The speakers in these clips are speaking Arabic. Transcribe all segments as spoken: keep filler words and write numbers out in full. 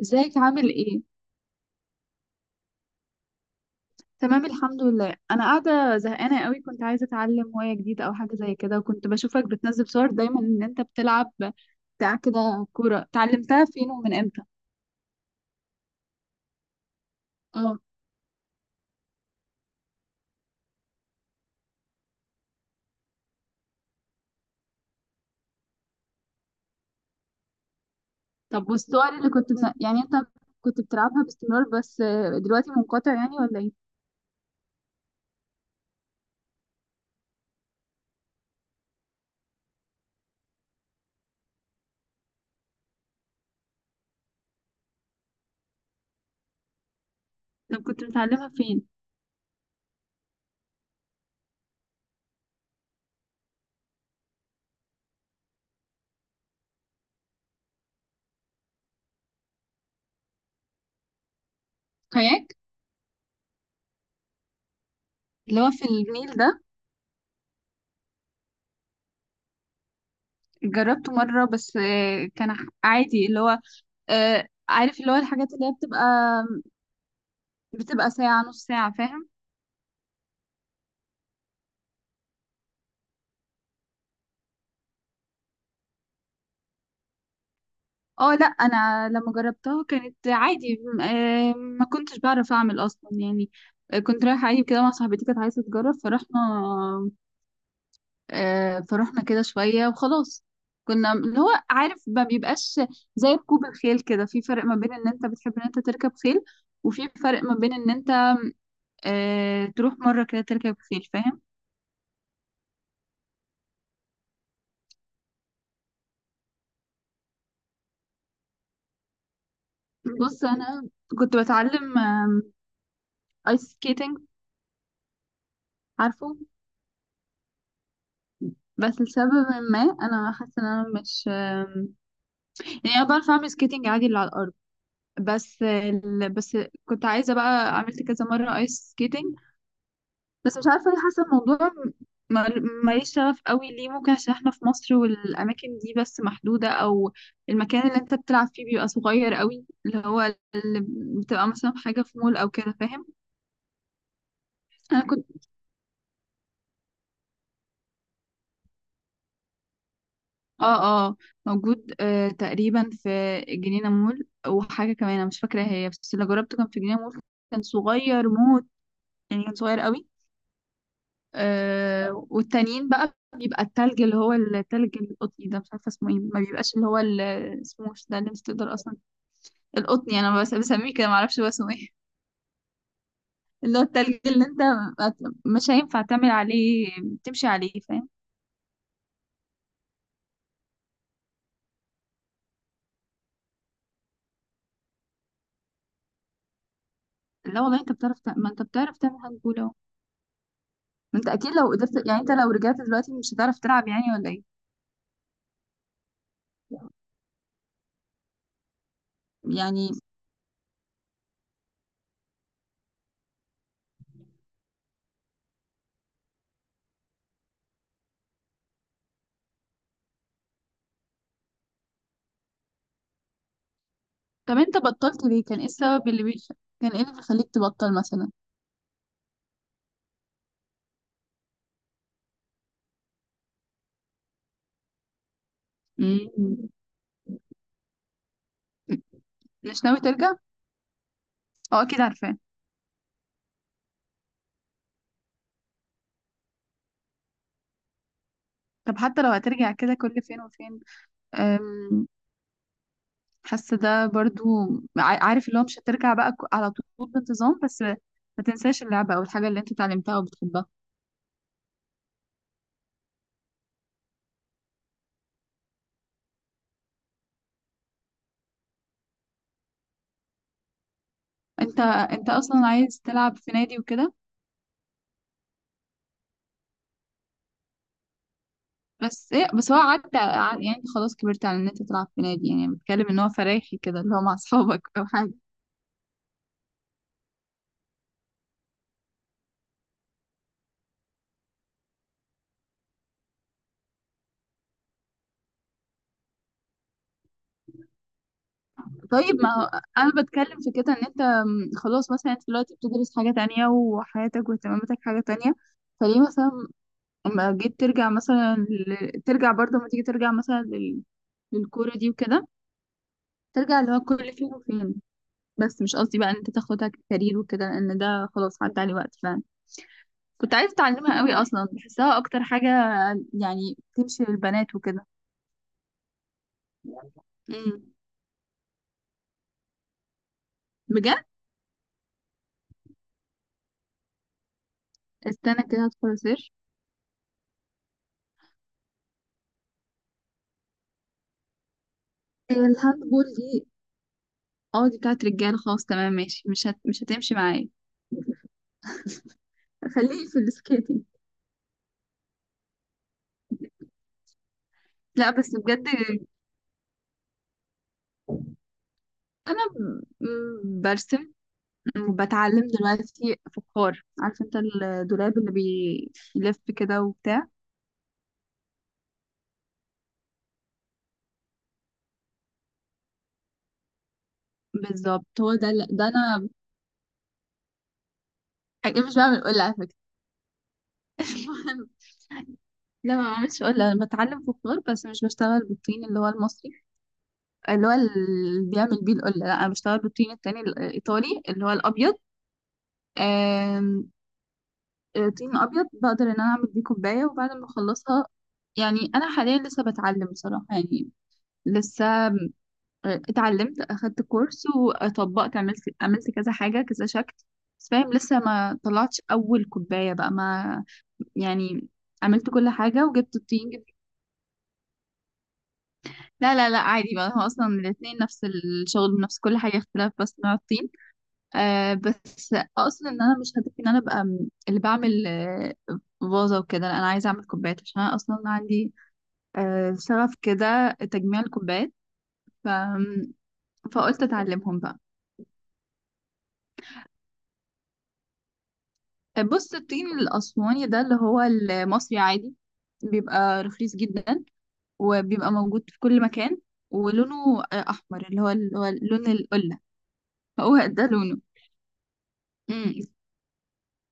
ازيك؟ عامل ايه؟ تمام الحمد لله. انا قاعده زهقانه قوي، كنت عايزه اتعلم هوايه جديده او حاجه زي كده، وكنت بشوفك بتنزل صور دايما ان انت بتلعب بتاع كده كوره. اتعلمتها فين ومن امتى؟ اه. طب والصور اللي كنت بت... يعني انت كنت بتلعبها باستمرار، بس آه، دلوقتي منقطع يعني ولا ايه؟ طب كنت بتعلمها فين؟ كاياك اللي هو في النيل ده؟ جربته مره بس آه، كان ح- عادي، اللي هو آه، عارف اللي هو الحاجات اللي هي بتبقى بتبقى ساعه نص ساعه، فاهم. اه لا، انا لما جربتها كانت عادي، م- آه، ما كنتش بعرف اعمل اصلا يعني. آه، كنت رايحه عادي كده مع صاحبتي، كانت عايزه تجرب، فرحنا آه، فرحنا كده شويه وخلاص. كنا اللي هو، عارف، ما بيبقاش زي ركوب الخيل. كده في فرق ما بين ان انت بتحب ان انت تركب خيل، وفي فرق ما بين ان انت آه، تروح مره كده تركب خيل، فاهم. بص، انا كنت بتعلم ايس سكيتنج، عارفه. بس لسبب ما انا حاسه ان انا مش، يعني انا بعرف اعمل سكيتنج عادي اللي على الارض، بس ال... بس كنت عايزه بقى، عملت كذا مره ايس سكيتنج، بس مش عارفه ليه حاسه الموضوع ما- ماليش شغف قوي ليه. ممكن عشان احنا في مصر، والاماكن دي بس محدوده، او المكان اللي انت بتلعب فيه بيبقى صغير قوي، اللي هو اللي بتبقى مثلا حاجه في مول او كده، فاهم. انا كنت، اه اه. موجود آه تقريبا في جنينه مول وحاجه كمان انا مش فاكره هي، بس اللي جربته كان في جنينه مول. كان صغير موت، يعني كان صغير قوي. آه، والتانيين بقى بيبقى التلج اللي هو التلج القطني ده، مش عارفه اسمه ايه، ما بيبقاش اللي هو ال- اسمه. مش ده اللي مش تقدر اصلا. القطني انا بس بسميه كده، ما اعرفش هو اسمه ايه، اللي هو التلج اللي انت ما- مش هينفع تعمل عليه، تمشي عليه، فاهم. لا والله، انت بتعرف تع- ما انت بتعرف تعمل هاند بول اهو. ما انت اكيد لو قدرت، يعني انت لو رجعت دلوقتي مش هتعرف تلعب يعني ولا ايه؟ يعني طب انت بطلت ليه؟ كان ايه السبب اللي بيخ... كان ايه اللي بيخليك تبطل مثلا؟ امم مش ناوي ترجع؟ اه، اكيد عارفاه. طب حتى لو هترجع كده كل فين وفين، أم، حاسة ده برضو، ع- عارف اللي هو مش هترجع بقى ك- على طول بانتظام، بس ما تنساش اللعبة أو الحاجة اللي انت اتعلمتها وبتحبها. انت انت أصلا عايز تلعب في نادي وكده؟ بس ايه، بس هو عدى ع- يعني انت خلاص كبرت على ان انت تلعب في نادي، يعني بتكلم ان هو فرايحي كده اللي هو مع اصحابك او حاجة. طيب، ما هو انا بتكلم في كده ان انت، أم، خلاص مثلا انت دلوقتي بتدرس حاجة تانية، وحياتك واهتماماتك حاجة تانية. فليه مثلا اما جيت ترجع مثلا ل... ترجع، برضه لما تيجي ترجع مثلا لل... للكورة دي وكده، ترجع اللي هو كل فين وفين. بس مش قصدي بقى ان انت تاخدها كارير وكده، لان ده خلاص عدى عليه وقت فعلا. كنت عايزة اتعلمها قوي اصلا، بحسها اكتر حاجة يعني تمشي للبنات وكده. امم. بجد؟ استنى كده هدخل اسيرش. هي الهاند بول دي؟ اه، دي بتاعت رجالة، خلاص تمام ماشي، مش هت... مش هتمشي معايا. خليني في السكيتنج. لا بس بجد. انا ب- برسم، م، بتعلم دلوقتي فخار. عارف انت الدولاب اللي بيلف كده وبتاع؟ بالظبط، هو ده اللي- ده انا. حقيقي مش بعمل قلة على فكرة. لا ما بعملش قلة، انا بتعلم فخار بس مش بشتغل بالطين اللي هو المصري، اللي هو اللي بيعمل بيه القلة. لا، انا بشتغل بالطين التاني الايطالي اللي هو الابيض. آم، آه، طين ابيض، بقدر ان انا اعمل بيه كوباية وبعد ما اخلصها. يعني انا حاليا لسه بتعلم بصراحة، يعني لسه آه، اتعلمت، اخدت كورس، وطبقت، عملت عملت كذا حاجة، كذا شكل. بس فاهم، لسه ما طلعتش اول كوباية بقى، ما يعني عملت كل حاجة، وجبت الطين، جبت. لا لا لا، عادي بقى، هو اصلا الاتنين نفس الشغل، نفس كل حاجة، اختلاف بس نوع الطين. آه بس اقصد ان انا مش هدفي ان انا ابقى، م- اللي بعمل آه فازة وكده. لا، انا عايزة اعمل كوبايات، عشان انا اصلا عندي آه شغف كده تجميع الكوبايات. ف... فقلت اتعلمهم بقى. بص، الطين الأسواني ده اللي هو المصري عادي، بيبقى رخيص جدا، وبيبقى موجود في كل مكان، ولونه أحمر اللي هو اللي هو لون القلة. هو ده لونه. مم.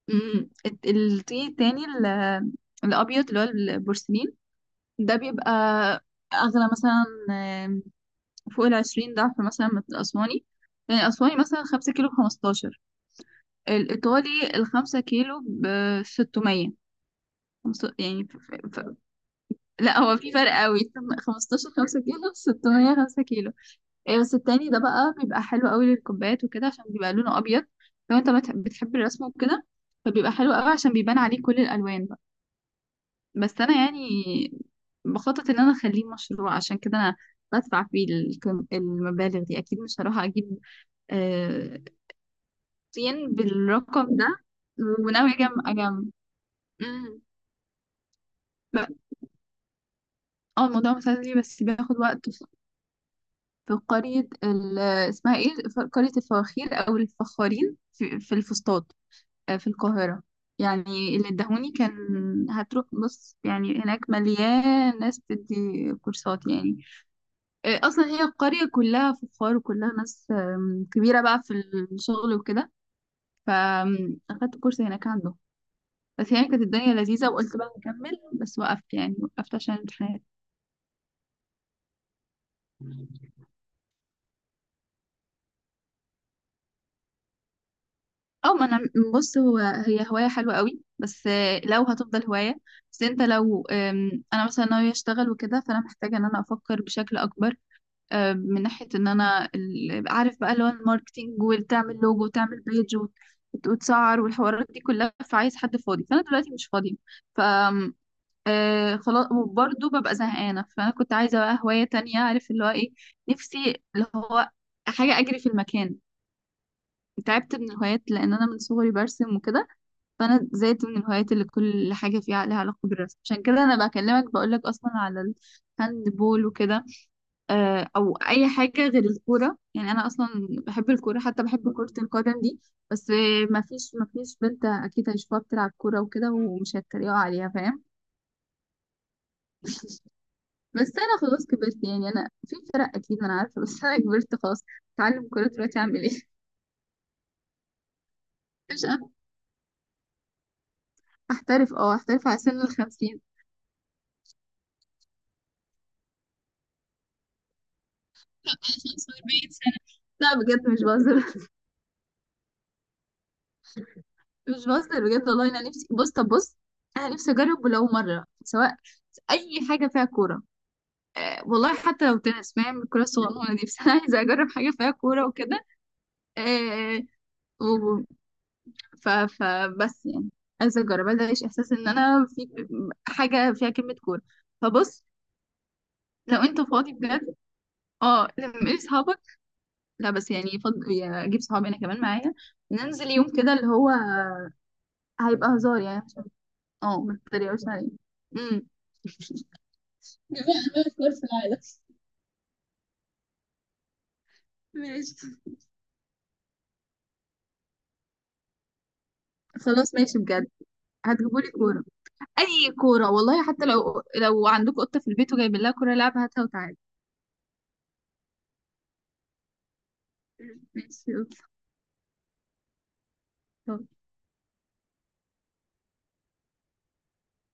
مم. الت- الطين التاني ال- الأبيض اللي هو البورسلين، ده بيبقى أغلى مثلا، آم، فوق العشرين ضعف مثلا من الأسواني. يعني الأسواني مثلا خمسة كيلو بخمستاشر، الإيطالي الخمسة كيلو بستمية. يعني لا هو في فرق قوي. خمستاشر خمسة كيلو، ستمية خمسة كيلو. ايه، بس التاني ده بقى بيبقى حلو قوي للكوبايات وكده، عشان بيبقى لونه ابيض. لو انت بت- بتحب الرسم وكده، فبيبقى حلو قوي عشان بيبان عليه كل الالوان بقى. بس انا يعني بخطط ان انا اخليه مشروع، عشان كده انا بدفع فيه الكم- المبالغ دي، اكيد مش هروح اجيب آه، طين بالرقم ده. وناوي اجمع اجمع. مم. ب- اه الموضوع مسلي بس بياخد وقت. في قرية ال- اسمها ايه، ف- قرية الفواخير أو الفخارين في, في الفسطاط، آه، في القاهرة. يعني اللي ادهوني كان. هتروح بص، يعني هناك مليان ناس بتدي كورسات يعني. آه، أصلا هي القرية كلها فخار، وكلها ناس، آم، كبيرة بقى في الشغل وكده. فأخدت كورس هناك عنده. بس يعني كانت الدنيا لذيذة، وقلت بقى نكمل، بس وقفت، يعني وقفت عشان الامتحان. اه، ما انا، بص، هو هي هواية حلوة قوي، بس آه، لو هتفضل هواية. بس انت لو، آم، انا مثلا ناوية اشتغل وكده، فانا محتاجة ان انا افكر بشكل اكبر. آم، من ناحية ان انا ال- عارف بقى اللي هو الماركتينج، وتعمل لوجو، وتعمل بيج، وت- وت- وتسعر، والحوارات دي كلها. فعايز حد فاضي، فانا دلوقتي مش فاضية. ف آم، آه، خلاص، وبرضه ببقى زهقانة، فانا كنت عايزة بقى هواية تانية. عارف اللي هو ايه؟ نفسي اللي هو حاجة اجري في المكان. تعبت من الهوايات، لان انا من صغري برسم وكده، فانا زيت من الهوايات اللي كل حاجه فيها لها علاقه بالرسم. عشان كده انا بكلمك، بقول لك اصلا على الهاند بول وكده، آه، او اي حاجه غير الكوره. يعني انا اصلا بحب الكوره، حتى بحب كره القدم دي، بس ما فيش ما فيش بنت اكيد هيشوفها بتلعب كوره وكده ومش هيتريقوا عليها، فاهم. بس انا خلاص كبرت يعني، انا في فرق اكيد، انا عارفه، بس انا كبرت خلاص. اتعلم كوره دلوقتي اعمل ايه؟ مش أنا- احترف؟ اه احترف على سن الخمسين؟ لا خمسة واربعين سنه. لا بجد مش بهزر، مش بهزر بجد، والله انا نفسي. بص طب بص، انا نفسي اجرب ولو مره، سواء اي حاجه فيها كوره. آه، والله حتى لو تنس، فاهم، الكوره الصغنونه دي، بس انا عايزه اجرب حاجه فيها كوره وكده. آه و... ف... فبس يعني، عايزه اجرب، عايزه اعيش احساس ان انا في حاجه فيها كلمه كوره. فبص، لو انت فاضي بجد، اه، لما اصحابك، لا بس يعني فض... يعني اجيب صحابي انا كمان معايا، ننزل يوم كده اللي هو هيبقى هزار يعني عشان- اه، ما تتريقوش عليا بقى كورة في العالم. ماشي، خلاص ماشي بجد. هتجيبولي كورة، أي كورة، والله حتى لو لو عندك قطة في البيت وجايبين لها كورة لعبة، هاتها وتعالي. ماشي أوكي.